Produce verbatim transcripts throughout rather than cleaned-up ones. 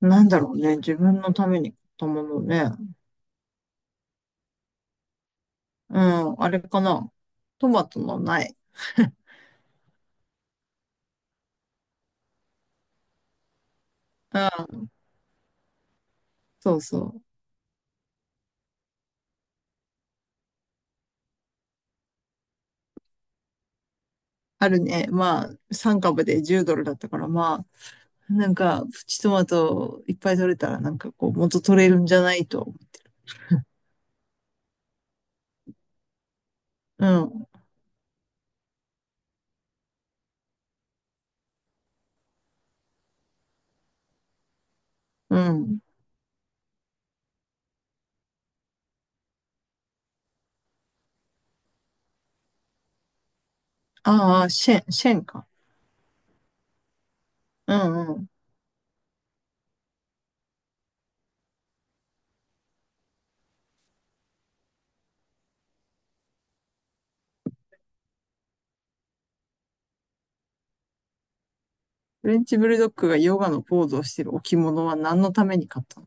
なんだろうね。自分のために買ったものね。うん、あれかな。トマトのない。そうそう。あるね。まあ、さん株でじゅうドルだったから、まあ、なんか、プチトマトいっぱい取れたら、なんかこう、元取れるんじゃないと。うん、うん。ああ、シェン、シェンか。うんうん。フレンチブルドッグがヨガのポーズをしてる置物は何のために買ったの？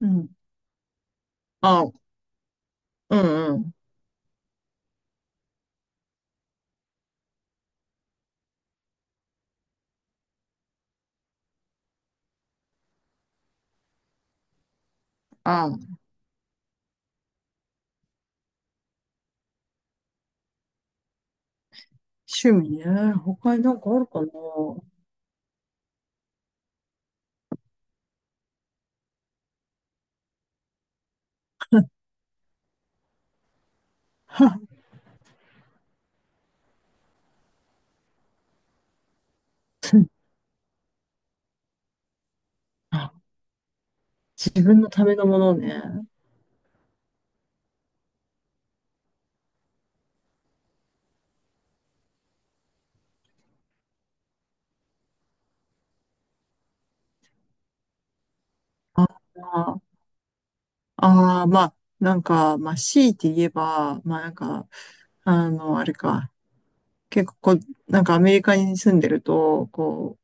うん。ああ、うんうん。ああ、趣味ね。他になんかあるかな。自分のためのものね。ああ、ああ、まあ、なんか、まあ、強いて言えば、まあ、なんか、あの、あれか。結構こう、なんかアメリカに住んでると、こ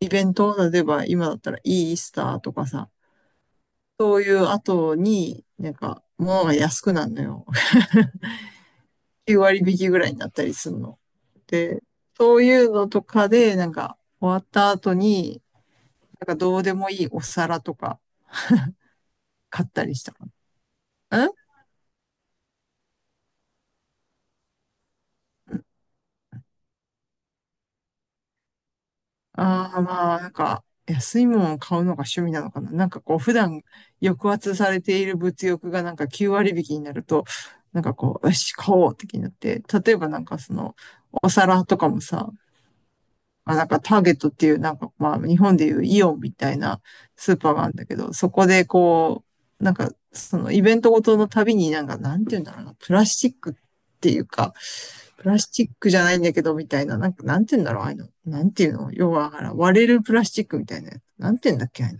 う、イベント、例えば今だったらイースターとかさ、そういう後に、なんか、物が安くなるのよ。きゅう割引きぐらいになったりするの。で、そういうのとかで、なんか、終わった後に、なんかどうでもいいお皿とか買ったりしたかな。ああ、まあ、なんか、安いものを買うのが趣味なのかな。なんかこう、普段抑圧されている物欲がなんかきゅう割引きになると、なんかこう、よし、買おうって気になって、例えばなんかその、お皿とかもさ、まあなんかターゲットっていう、なんかまあ日本でいうイオンみたいなスーパーがあるんだけど、そこでこう、なんかそのイベントごとのたびになんかなんて言うんだろうな、プラスチックっていうか、プラスチックじゃないんだけどみたいな、なんかなんて言うんだろう、ああいうの、なんていうの、要は割れるプラスチックみたいなやつ、なんて言うんだっけ、ああいうの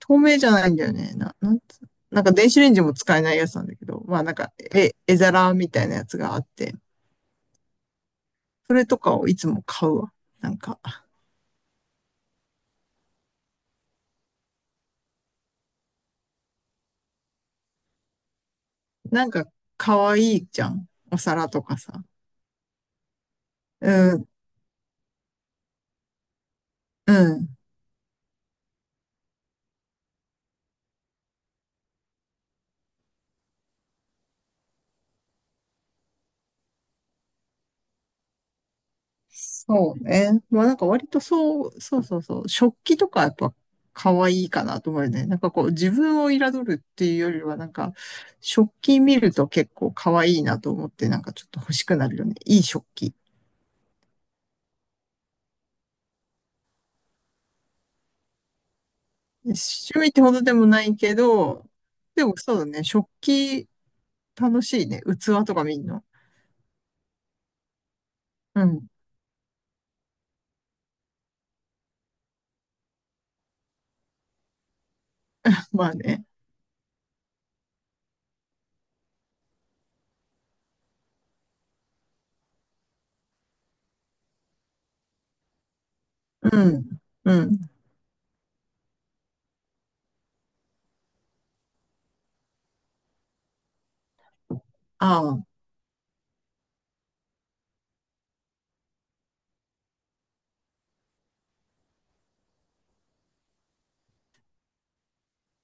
透明じゃないんだよね。な、なんてなんか電子レンジも使えないやつなんだけど、まあなんか絵、絵皿みたいなやつがあって、それとかをいつも買うわ。なんか。なんか、可愛いじゃん。お皿とかさ。うん、うん。そうね。まあなんか割とそう、そうそうそう。食器とかやっぱ可愛いかなと思うよね。なんかこう自分を彩るっていうよりはなんか食器見ると結構可愛いなと思ってなんかちょっと欲しくなるよね。いい食器。趣味ってほどでもないけど、でもそうだね。食器楽しいね。器とか見んの。うん。まあね。うん。うん。ああ。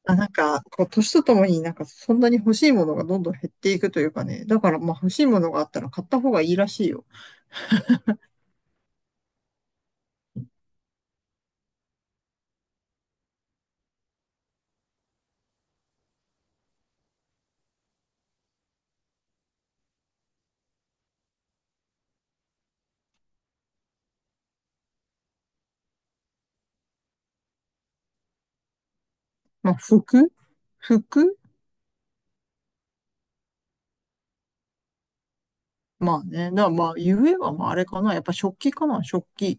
あ、なんか、こう、年とともになんか、そんなに欲しいものがどんどん減っていくというかね。だから、まあ、欲しいものがあったら買った方がいいらしいよ。まあ、服服、まあね。だからまあ、ゆえはまあ、あれかな。やっぱ食器かな。食器。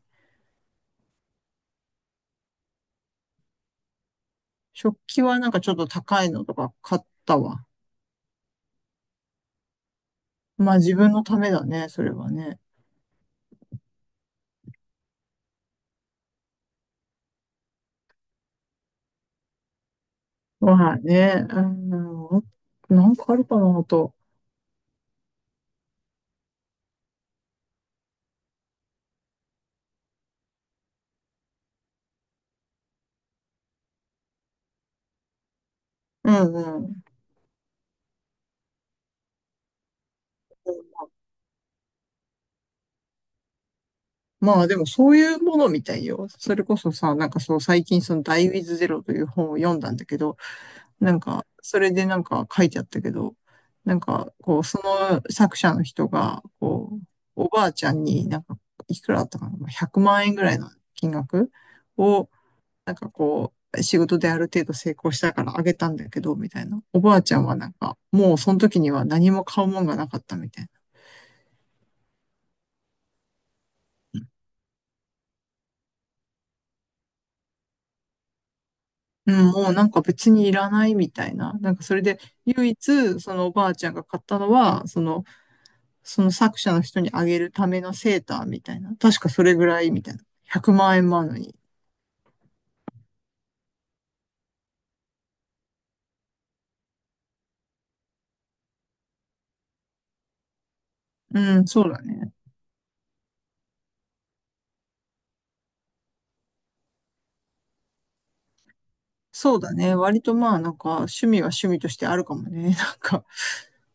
食器はなんかちょっと高いのとか買ったわ。まあ、自分のためだね。それはね。まあね。うん。なんかあるかな、あと。うんうん。まあでもそういうものみたいよ。それこそさ、なんかそう最近そのダイ イー ダブリュー アイ ティー という本を読んだんだけど、なんかそれでなんか書いてあったけど、なんかこうその作者の人が、こう、おばあちゃんになんかいくらだったかな、まあひゃくまん円ぐらいの金額を、なんかこう、仕事である程度成功したからあげたんだけど、みたいな。おばあちゃんはなんか、もうその時には何も買うもんがなかったみたいな。うん、もうなんか別にいらないみたいな。なんかそれで唯一そのおばあちゃんが買ったのは、その、その作者の人にあげるためのセーターみたいな。確かそれぐらいみたいな。ひゃくまん円もあるのに。うん、そうだね。そうだね。割とまあなんか趣味は趣味としてあるかもね。なんか、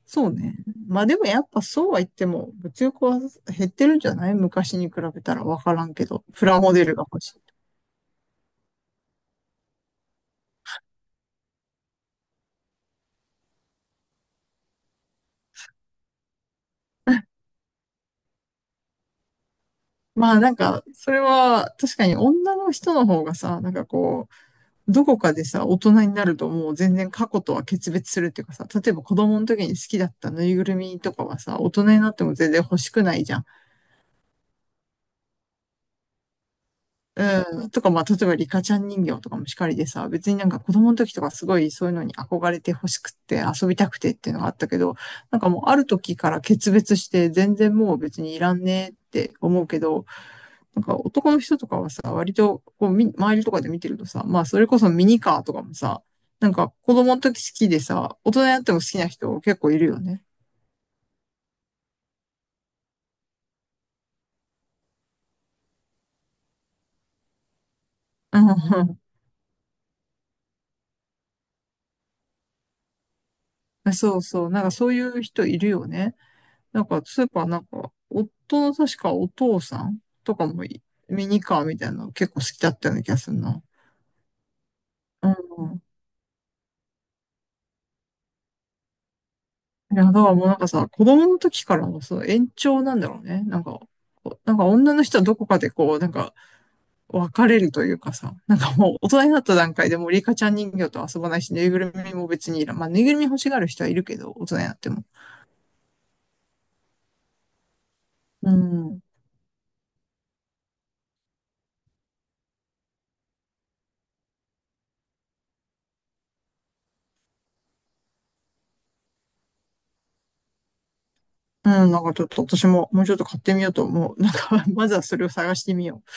そうね。まあでもやっぱそうは言っても物欲は減ってるんじゃない？昔に比べたらわからんけど。プラモデルが欲しい。まあなんか、それは確かに女の人の方がさ、なんかこう、どこかでさ、大人になるともう全然過去とは決別するっていうかさ、例えば子供の時に好きだったぬいぐるみとかはさ、大人になっても全然欲しくないじゃん。うん。とか、まあ、例えばリカちゃん人形とかもしかりでさ、別になんか子供の時とかすごいそういうのに憧れて欲しくって遊びたくてっていうのがあったけど、なんかもうある時から決別して全然もう別にいらんねって思うけど、なんか男の人とかはさ、割とこうみ、周りとかで見てるとさ、まあそれこそミニカーとかもさ、なんか子供の時好きでさ、大人になっても好きな人結構いるよね。うん。そうそう。なんかそういう人いるよね。なんかスーパーなんか、夫の確かお父さんとかもいミニカーみたいなの結構好きだったような気がするな。うん。いや、だからもうなんかさ、子供の時からのその延長なんだろうね。なんか、こうなんか女の人はどこかでこう、なんか別れるというかさ、なんかもう大人になった段階でもうリカちゃん人形と遊ばないし、ぬいぐるみも別にいらん。まあ、ぬいぐるみ欲しがる人はいるけど、大人になっても。うん。うん、なんかちょっと私ももうちょっと買ってみようと思う。なんか、まずはそれを探してみよう。